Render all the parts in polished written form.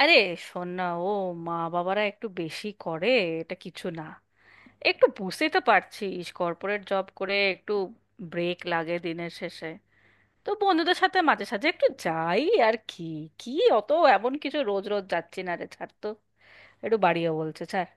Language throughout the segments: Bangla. আরে শোন না। ও মা বাবারা একটু বেশি করে, এটা কিছু না। একটু বুঝতেই তো পারছিস, কর্পোরেট জব করে একটু ব্রেক লাগে দিনের শেষে। তো বন্ধুদের সাথে মাঝে সাঝে একটু যাই আর কি। কি অত এমন কিছু রোজ রোজ যাচ্ছি না রে, ছাড় তো। একটু বাড়িও বলছে, ছাড়।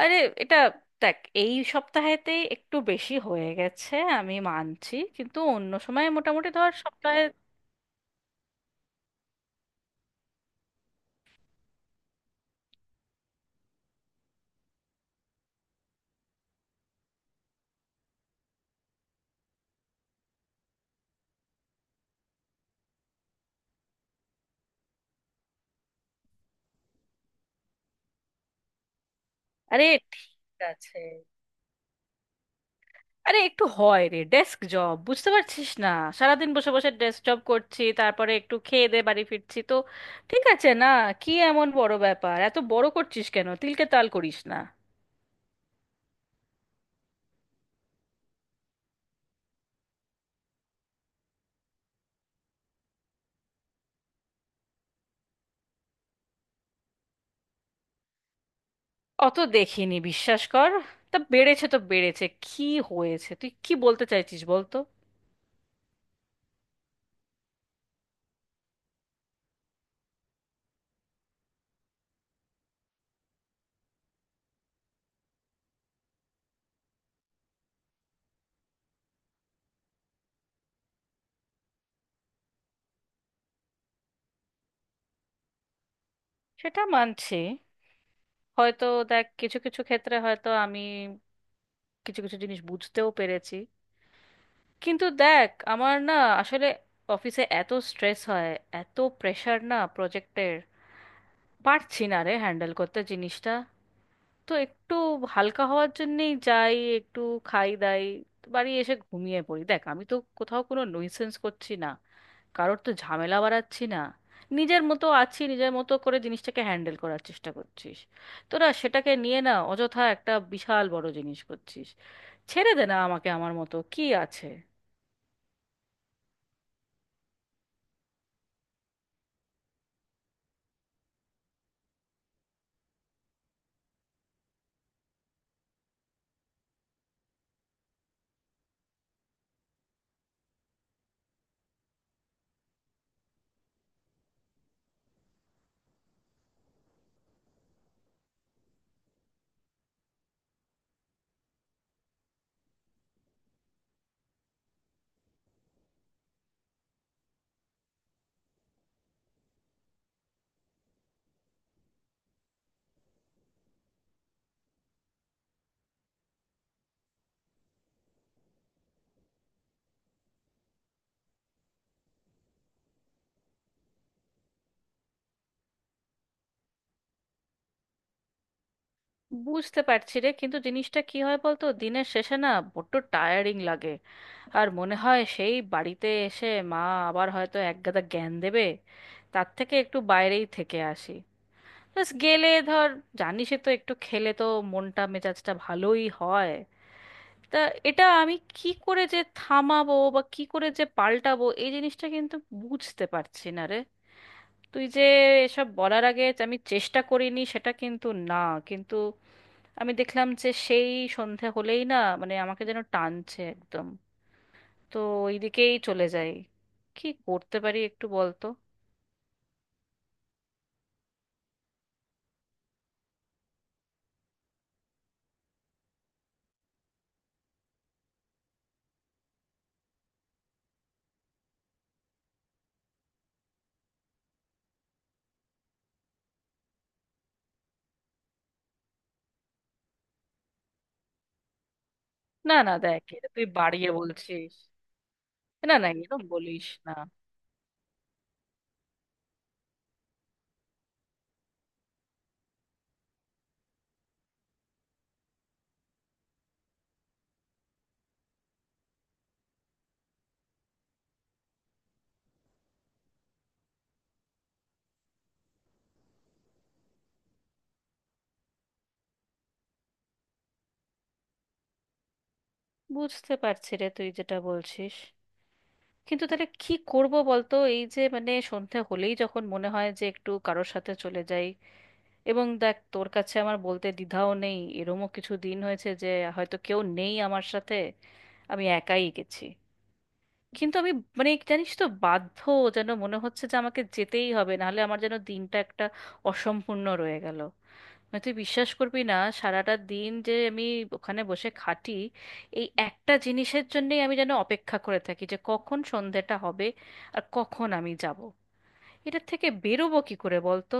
আরে এটা দেখ, এই সপ্তাহেতেই একটু বেশি হয়ে গেছে আমি মানছি, কিন্তু অন্য সময় মোটামুটি ধর সপ্তাহে। আরে ঠিক আছে। আরে একটু হয় রে, ডেস্ক জব বুঝতে পারছিস না? সারাদিন বসে বসে ডেস্ক জব করছি, তারপরে একটু খেয়ে দে বাড়ি ফিরছি তো। ঠিক আছে না? কি এমন বড় ব্যাপার, এত বড় করছিস কেন? তিলকে তাল করিস না। অত দেখিনি বিশ্বাস কর। তা বেড়েছে তো বেড়েছে, কি হয়েছে? তুই কি বলতে চাইছিস বলতো? সেটা মানছি হয়তো। দেখ কিছু কিছু ক্ষেত্রে হয়তো আমি কিছু কিছু জিনিস বুঝতেও পেরেছি, কিন্তু দেখ আমার না, আসলে অফিসে এত স্ট্রেস হয়, এত প্রেশার না প্রজেক্টের, পারছি না রে হ্যান্ডেল করতে জিনিসটা। তো একটু হালকা হওয়ার জন্যেই যাই, একটু খাই দাই, বাড়ি এসে ঘুমিয়ে পড়ি। দেখ আমি তো কোথাও কোনো নইসেন্স করছি না, কারোর তো ঝামেলা বাড়াচ্ছি না, নিজের মতো আছি, নিজের মতো করে জিনিসটাকে হ্যান্ডেল করার চেষ্টা করছিস। তোরা সেটাকে নিয়ে না অযথা একটা বিশাল বড় জিনিস করছিস। ছেড়ে দে না আমাকে আমার মতো, কি আছে? বুঝতে পারছি রে, কিন্তু জিনিসটা কি হয় বলতো, দিনের শেষে না বড্ড টায়ারিং লাগে। আর মনে হয় সেই বাড়িতে এসে মা আবার হয়তো একগাদা জ্ঞান দেবে, তার থেকে একটু বাইরেই থেকে আসি। ব্যাস গেলে ধর, জানিসই তো, একটু খেলে তো মনটা মেজাজটা ভালোই হয়। তা এটা আমি কি করে যে থামাবো বা কি করে যে পাল্টাবো এই জিনিসটা কিন্তু বুঝতে পারছি না রে। তুই যে এসব বলার আগে যে আমি চেষ্টা করিনি সেটা কিন্তু না, কিন্তু আমি দেখলাম যে সেই সন্ধে হলেই না, মানে আমাকে যেন টানছে একদম। তো ওই দিকেই চলে যাই। কি করতে পারি একটু বলতো? না না দেখ, এটা তুই বাড়িয়ে বলছিস। না না এরকম বলিস না। বুঝতে পারছি রে তুই যেটা বলছিস, কিন্তু তাহলে কি করব বলতো? এই যে মানে সন্ধে হলেই যখন মনে হয় যে একটু কারোর সাথে চলে যাই। এবং দেখ তোর কাছে আমার বলতে দ্বিধাও নেই, এরমও কিছু দিন হয়েছে যে হয়তো কেউ নেই আমার সাথে, আমি একাই গেছি। কিন্তু আমি মানে জানিস তো, বাধ্য যেন মনে হচ্ছে যে আমাকে যেতেই হবে, নাহলে আমার যেন দিনটা একটা অসম্পূর্ণ রয়ে গেল। মানে তুই বিশ্বাস করবি না, সারাটা দিন যে আমি ওখানে বসে খাটি, এই একটা জিনিসের জন্যই আমি যেন অপেক্ষা করে থাকি যে কখন সন্ধেটা হবে আর কখন আমি যাব। এটার থেকে বেরোবো কি করে বলতো?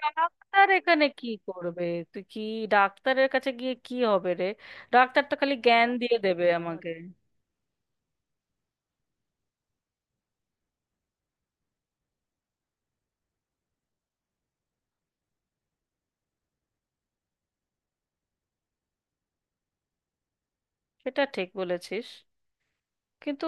ডাক্তার এখানে কি করবে? তুই কি ডাক্তারের কাছে গিয়ে কি হবে রে? ডাক্তার তো খালি জ্ঞান দিয়ে দেবে আমাকে। সেটা ঠিক বলেছিস কিন্তু।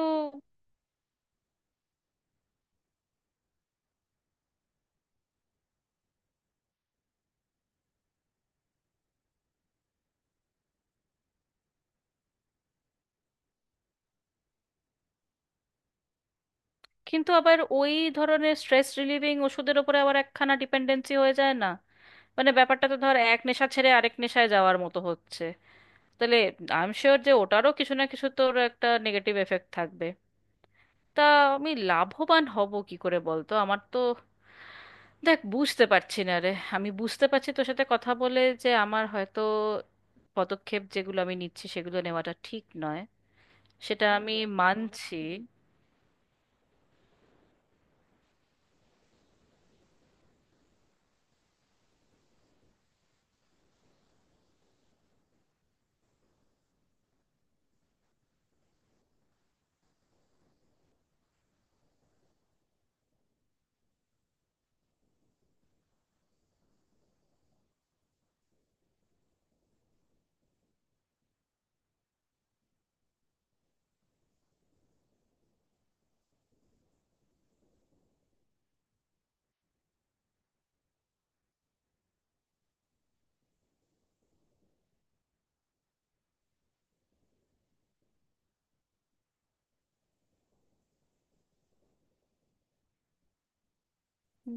কিন্তু আবার ওই ধরনের স্ট্রেস রিলিভিং ওষুধের ওপরে আবার একখানা ডিপেন্ডেন্সি হয়ে যায় না? মানে ব্যাপারটা তো ধর এক নেশা ছেড়ে আরেক নেশায় যাওয়ার মতো হচ্ছে। তাহলে আই এম শিওর যে ওটারও কিছু না কিছু তোর একটা নেগেটিভ এফেক্ট থাকবে। তা আমি লাভবান হব কি করে বলতো? আমার তো দেখ বুঝতে পারছি না রে। আমি বুঝতে পারছি তোর সাথে কথা বলে যে আমার হয়তো পদক্ষেপ যেগুলো আমি নিচ্ছি সেগুলো নেওয়াটা ঠিক নয়, সেটা আমি মানছি।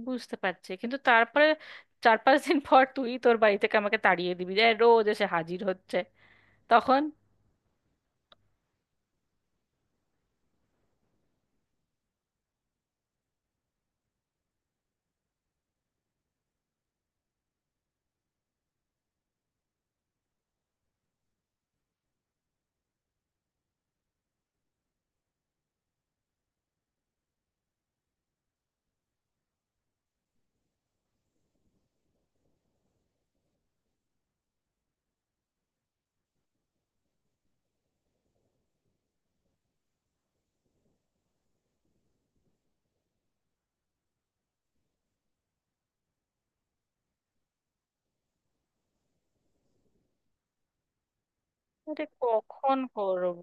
বুঝতে পারছি, কিন্তু তারপরে 4 5 দিন পর তুই তোর বাড়ি থেকে আমাকে তাড়িয়ে দিবি যে রোজ এসে হাজির হচ্ছে, তখন? আরে কখন করব?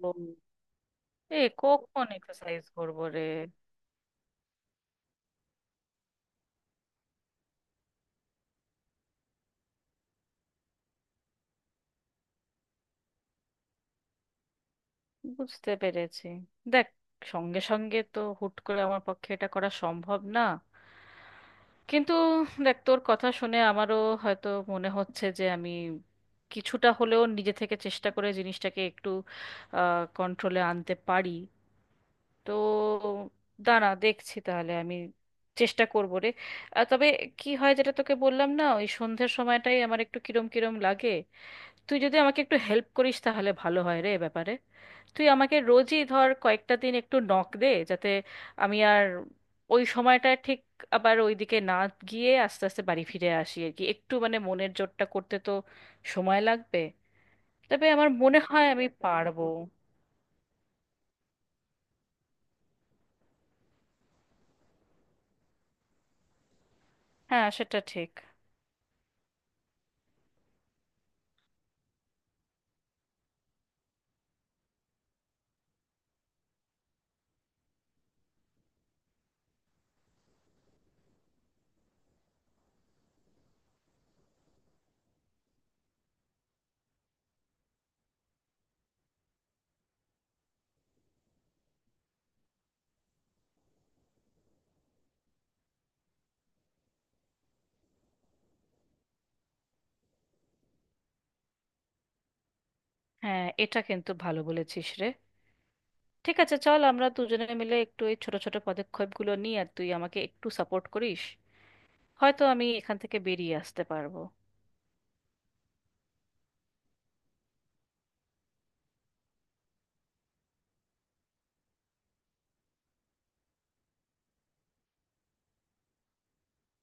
এ কখন এক্সারসাইজ করব রে? বুঝতে পেরেছি। দেখ সঙ্গে সঙ্গে তো হুট করে আমার পক্ষে এটা করা সম্ভব না, কিন্তু দেখ তোর কথা শুনে আমারও হয়তো মনে হচ্ছে যে আমি কিছুটা হলেও নিজে থেকে চেষ্টা করে জিনিসটাকে একটু কন্ট্রোলে আনতে পারি। তো দাঁড়া দেখছি, তাহলে আমি চেষ্টা করবো রে। আর তবে কি হয় যেটা তোকে বললাম না, ওই সন্ধ্যের সময়টাই আমার একটু কিরম কিরম লাগে। তুই যদি আমাকে একটু হেল্প করিস তাহলে ভালো হয় রে এ ব্যাপারে। তুই আমাকে রোজই ধর কয়েকটা দিন একটু নক দে, যাতে আমি আর ওই সময়টা ঠিক আবার ওইদিকে না গিয়ে আস্তে আস্তে বাড়ি ফিরে আসি আর কি। একটু মানে মনের জোরটা করতে তো সময় লাগবে, তবে আমার মনে হয় আমি পারবো। হ্যাঁ সেটা ঠিক। হ্যাঁ এটা কিন্তু ভালো বলেছিস রে। ঠিক আছে চল আমরা দুজনে মিলে একটু এই ছোট ছোট পদক্ষেপগুলো নিই আর তুই আমাকে একটু সাপোর্ট করিস, হয়তো আমি এখান থেকে বেরিয়ে আসতে পারবো।